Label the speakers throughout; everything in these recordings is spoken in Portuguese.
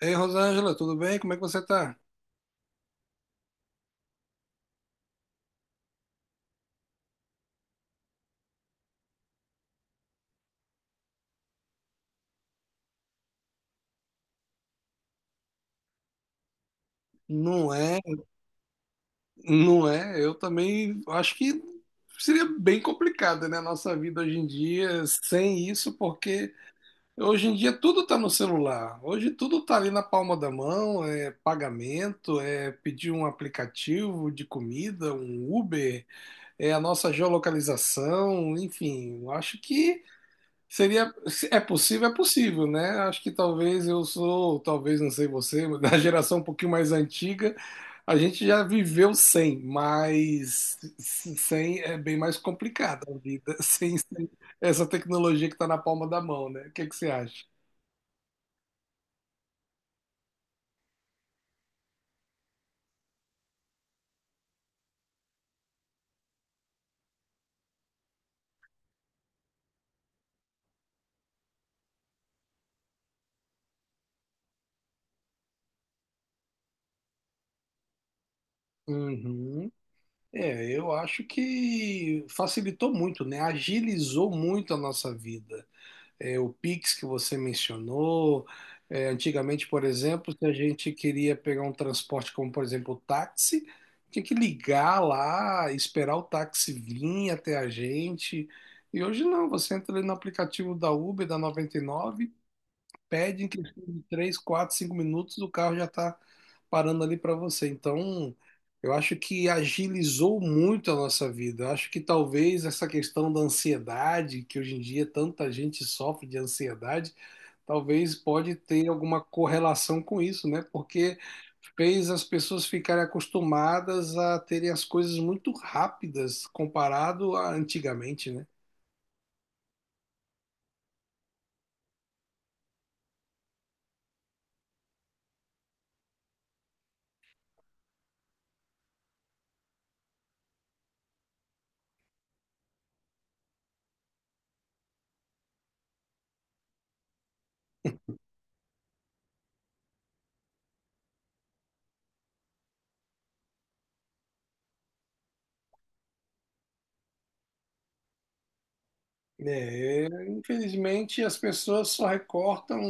Speaker 1: Ei, Rosângela, tudo bem? Como é que você tá? Não é, não é. Eu também acho que seria bem complicada, né, a nossa vida hoje em dia sem isso, porque hoje em dia tudo está no celular. Hoje tudo está ali na palma da mão, é pagamento, é pedir um aplicativo de comida, um Uber, é a nossa geolocalização, enfim, eu acho que seria, se é possível, é possível, né? Acho que talvez eu sou, talvez não sei você, mas da geração um pouquinho mais antiga, a gente já viveu sem, mas sem é bem mais complicada a vida, sem essa tecnologia que está na palma da mão, né? O que que você acha? Uhum. É, eu acho que facilitou muito, né? Agilizou muito a nossa vida. É, o Pix que você mencionou, é, antigamente, por exemplo, se a gente queria pegar um transporte como, por exemplo, o táxi, tinha que ligar lá, esperar o táxi vir até a gente. E hoje não, você entra ali no aplicativo da Uber, da 99, pede em questão de 3, 4, 5 minutos, o carro já está parando ali para você. Então, eu acho que agilizou muito a nossa vida. Eu acho que talvez essa questão da ansiedade, que hoje em dia tanta gente sofre de ansiedade, talvez pode ter alguma correlação com isso, né? Porque fez as pessoas ficarem acostumadas a terem as coisas muito rápidas comparado a antigamente, né? É, infelizmente, as pessoas só recortam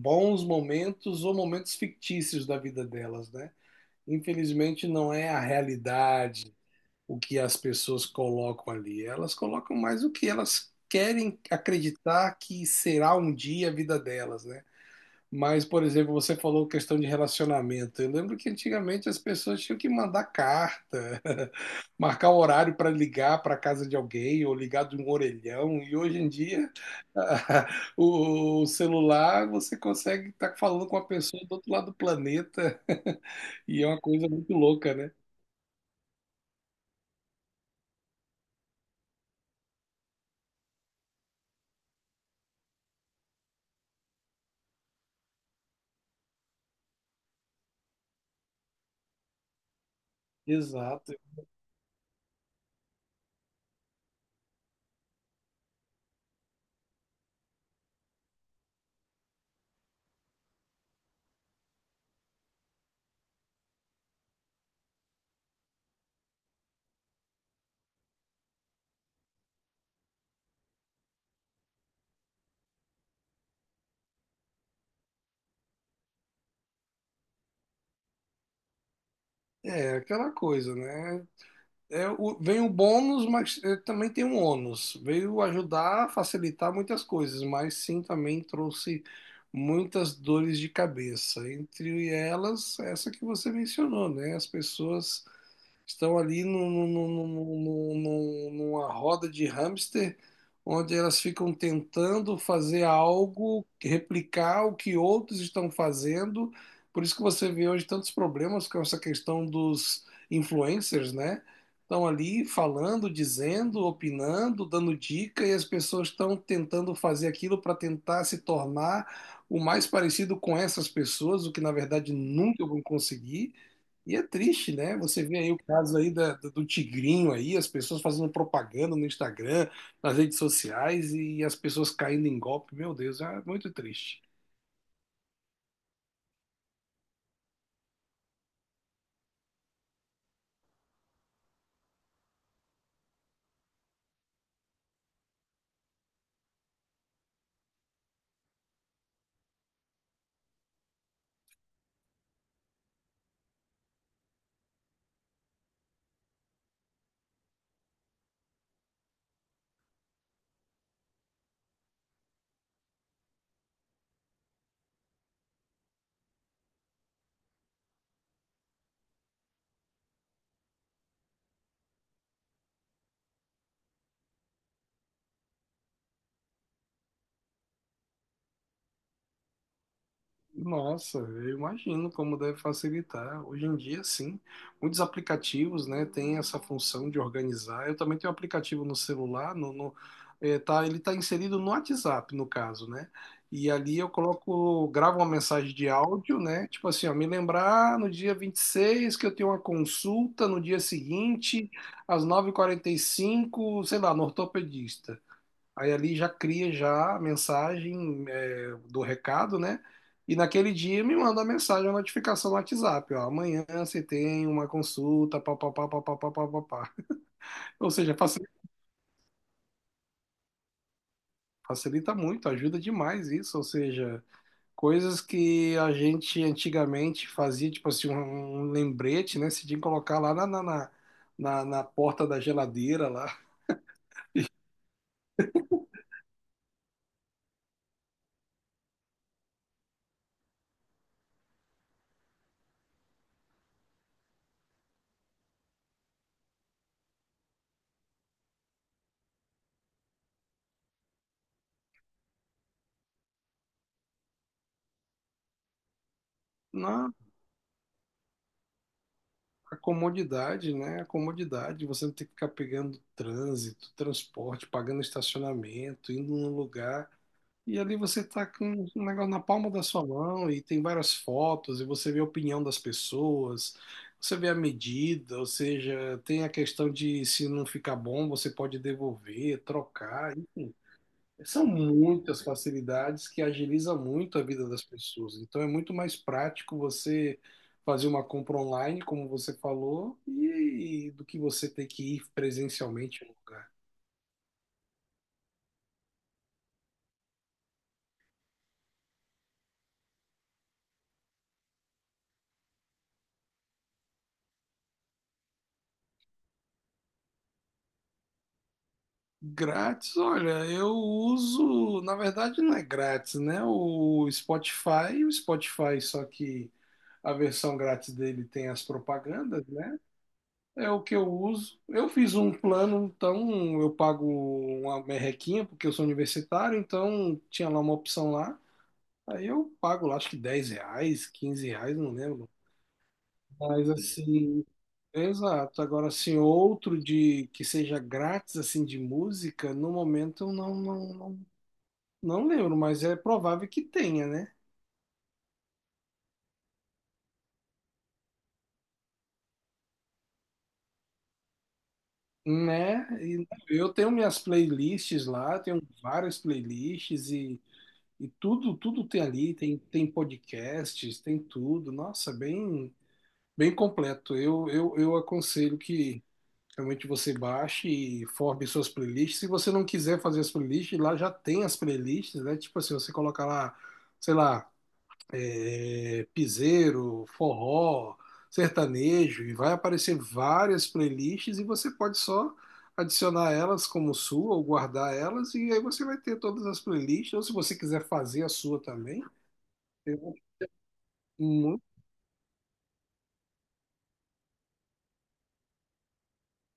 Speaker 1: bons momentos ou momentos fictícios da vida delas, né? Infelizmente, não é a realidade o que as pessoas colocam ali. Elas colocam mais o que elas querem acreditar que será um dia a vida delas, né? Mas, por exemplo, você falou questão de relacionamento. Eu lembro que antigamente as pessoas tinham que mandar carta, marcar o horário para ligar para a casa de alguém ou ligar de um orelhão. E hoje em dia, o celular, você consegue estar falando com a pessoa do outro lado do planeta. E é uma coisa muito louca, né? Exato. É aquela coisa, né? É, vem o bônus, mas é, também tem um ônus. Veio ajudar a facilitar muitas coisas, mas sim também trouxe muitas dores de cabeça. Entre elas, essa que você mencionou, né? As pessoas estão ali numa roda de hamster, onde elas ficam tentando fazer algo, replicar o que outros estão fazendo. Por isso que você vê hoje tantos problemas com essa questão dos influencers, né? Estão ali falando, dizendo, opinando, dando dica, e as pessoas estão tentando fazer aquilo para tentar se tornar o mais parecido com essas pessoas, o que na verdade nunca vão conseguir. E é triste, né? Você vê aí o caso aí do, do Tigrinho aí, as pessoas fazendo propaganda no Instagram, nas redes sociais e as pessoas caindo em golpe. Meu Deus, é muito triste. Nossa, eu imagino como deve facilitar. Hoje em dia, sim, muitos aplicativos, né, têm essa função de organizar. Eu também tenho um aplicativo no celular, tá, ele está inserido no WhatsApp, no caso, né? E ali eu coloco, gravo uma mensagem de áudio, né? Tipo assim, ó, me lembrar no dia 26 que eu tenho uma consulta no dia seguinte, às 9:45, sei lá, no ortopedista. Aí ali já cria já a mensagem é, do recado, né? E naquele dia me manda a mensagem, a notificação no WhatsApp, ó, amanhã você tem uma consulta, pá, pá, pá, pá, pá, pá, pá, pá, pá. Ou seja, facilita muito, ajuda demais isso, ou seja, coisas que a gente antigamente fazia, tipo assim, um lembrete, né? Se tinha que colocar lá na porta da geladeira lá. Não, a comodidade, né? A comodidade, você não tem que ficar pegando trânsito, transporte, pagando estacionamento, indo num lugar. E ali você tá com um negócio na palma da sua mão e tem várias fotos, e você vê a opinião das pessoas, você vê a medida, ou seja, tem a questão de se não ficar bom, você pode devolver, trocar, enfim. São muitas facilidades que agiliza muito a vida das pessoas. Então é muito mais prático você fazer uma compra online, como você falou, e do que você ter que ir presencialmente no lugar. Grátis, olha, eu uso, na verdade não é grátis, né? O Spotify, só que a versão grátis dele tem as propagandas, né? É o que eu uso. Eu fiz um plano, então eu pago uma merrequinha, porque eu sou universitário, então tinha lá uma opção lá. Aí eu pago lá, acho que R$ 10, R$ 15, não lembro. Mas assim, exato. Agora, assim, outro de que seja grátis, assim, de música, no momento eu não lembro, mas é provável que tenha, né? Né? E eu tenho minhas playlists lá, tenho várias playlists e tudo, tudo tem ali, tem, tem podcasts, tem tudo. Nossa, bem, bem completo. Eu aconselho que realmente você baixe e forme suas playlists. Se você não quiser fazer as playlists, lá já tem as playlists, né? Tipo assim, você coloca lá, sei lá, é, piseiro, forró, sertanejo, e vai aparecer várias playlists e você pode só adicionar elas como sua ou guardar elas, e aí você vai ter todas as playlists, ou se você quiser fazer a sua também, eu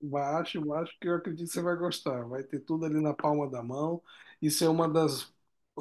Speaker 1: baixe, baixe, que eu acredito que você vai gostar. Vai ter tudo ali na palma da mão. Isso é uma das,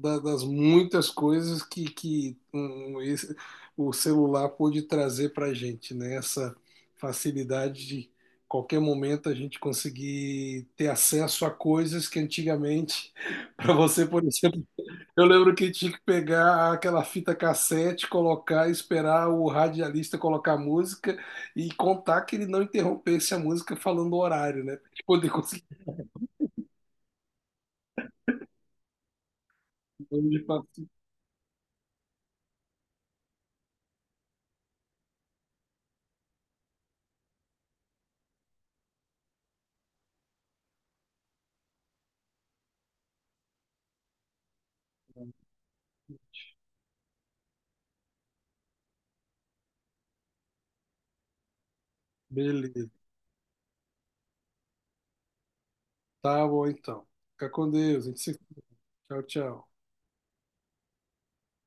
Speaker 1: da- das muitas coisas que, o celular pôde trazer para a gente, né? Essa facilidade de qualquer momento a gente conseguir ter acesso a coisas que antigamente, para você, por exemplo, eu lembro que tinha que pegar aquela fita cassete, colocar, esperar o radialista colocar a música e contar que ele não interrompesse a música falando o horário, né? Pra gente poder conseguir. Beleza. Tá bom, então. Fica com Deus. A gente se... Tchau, tchau.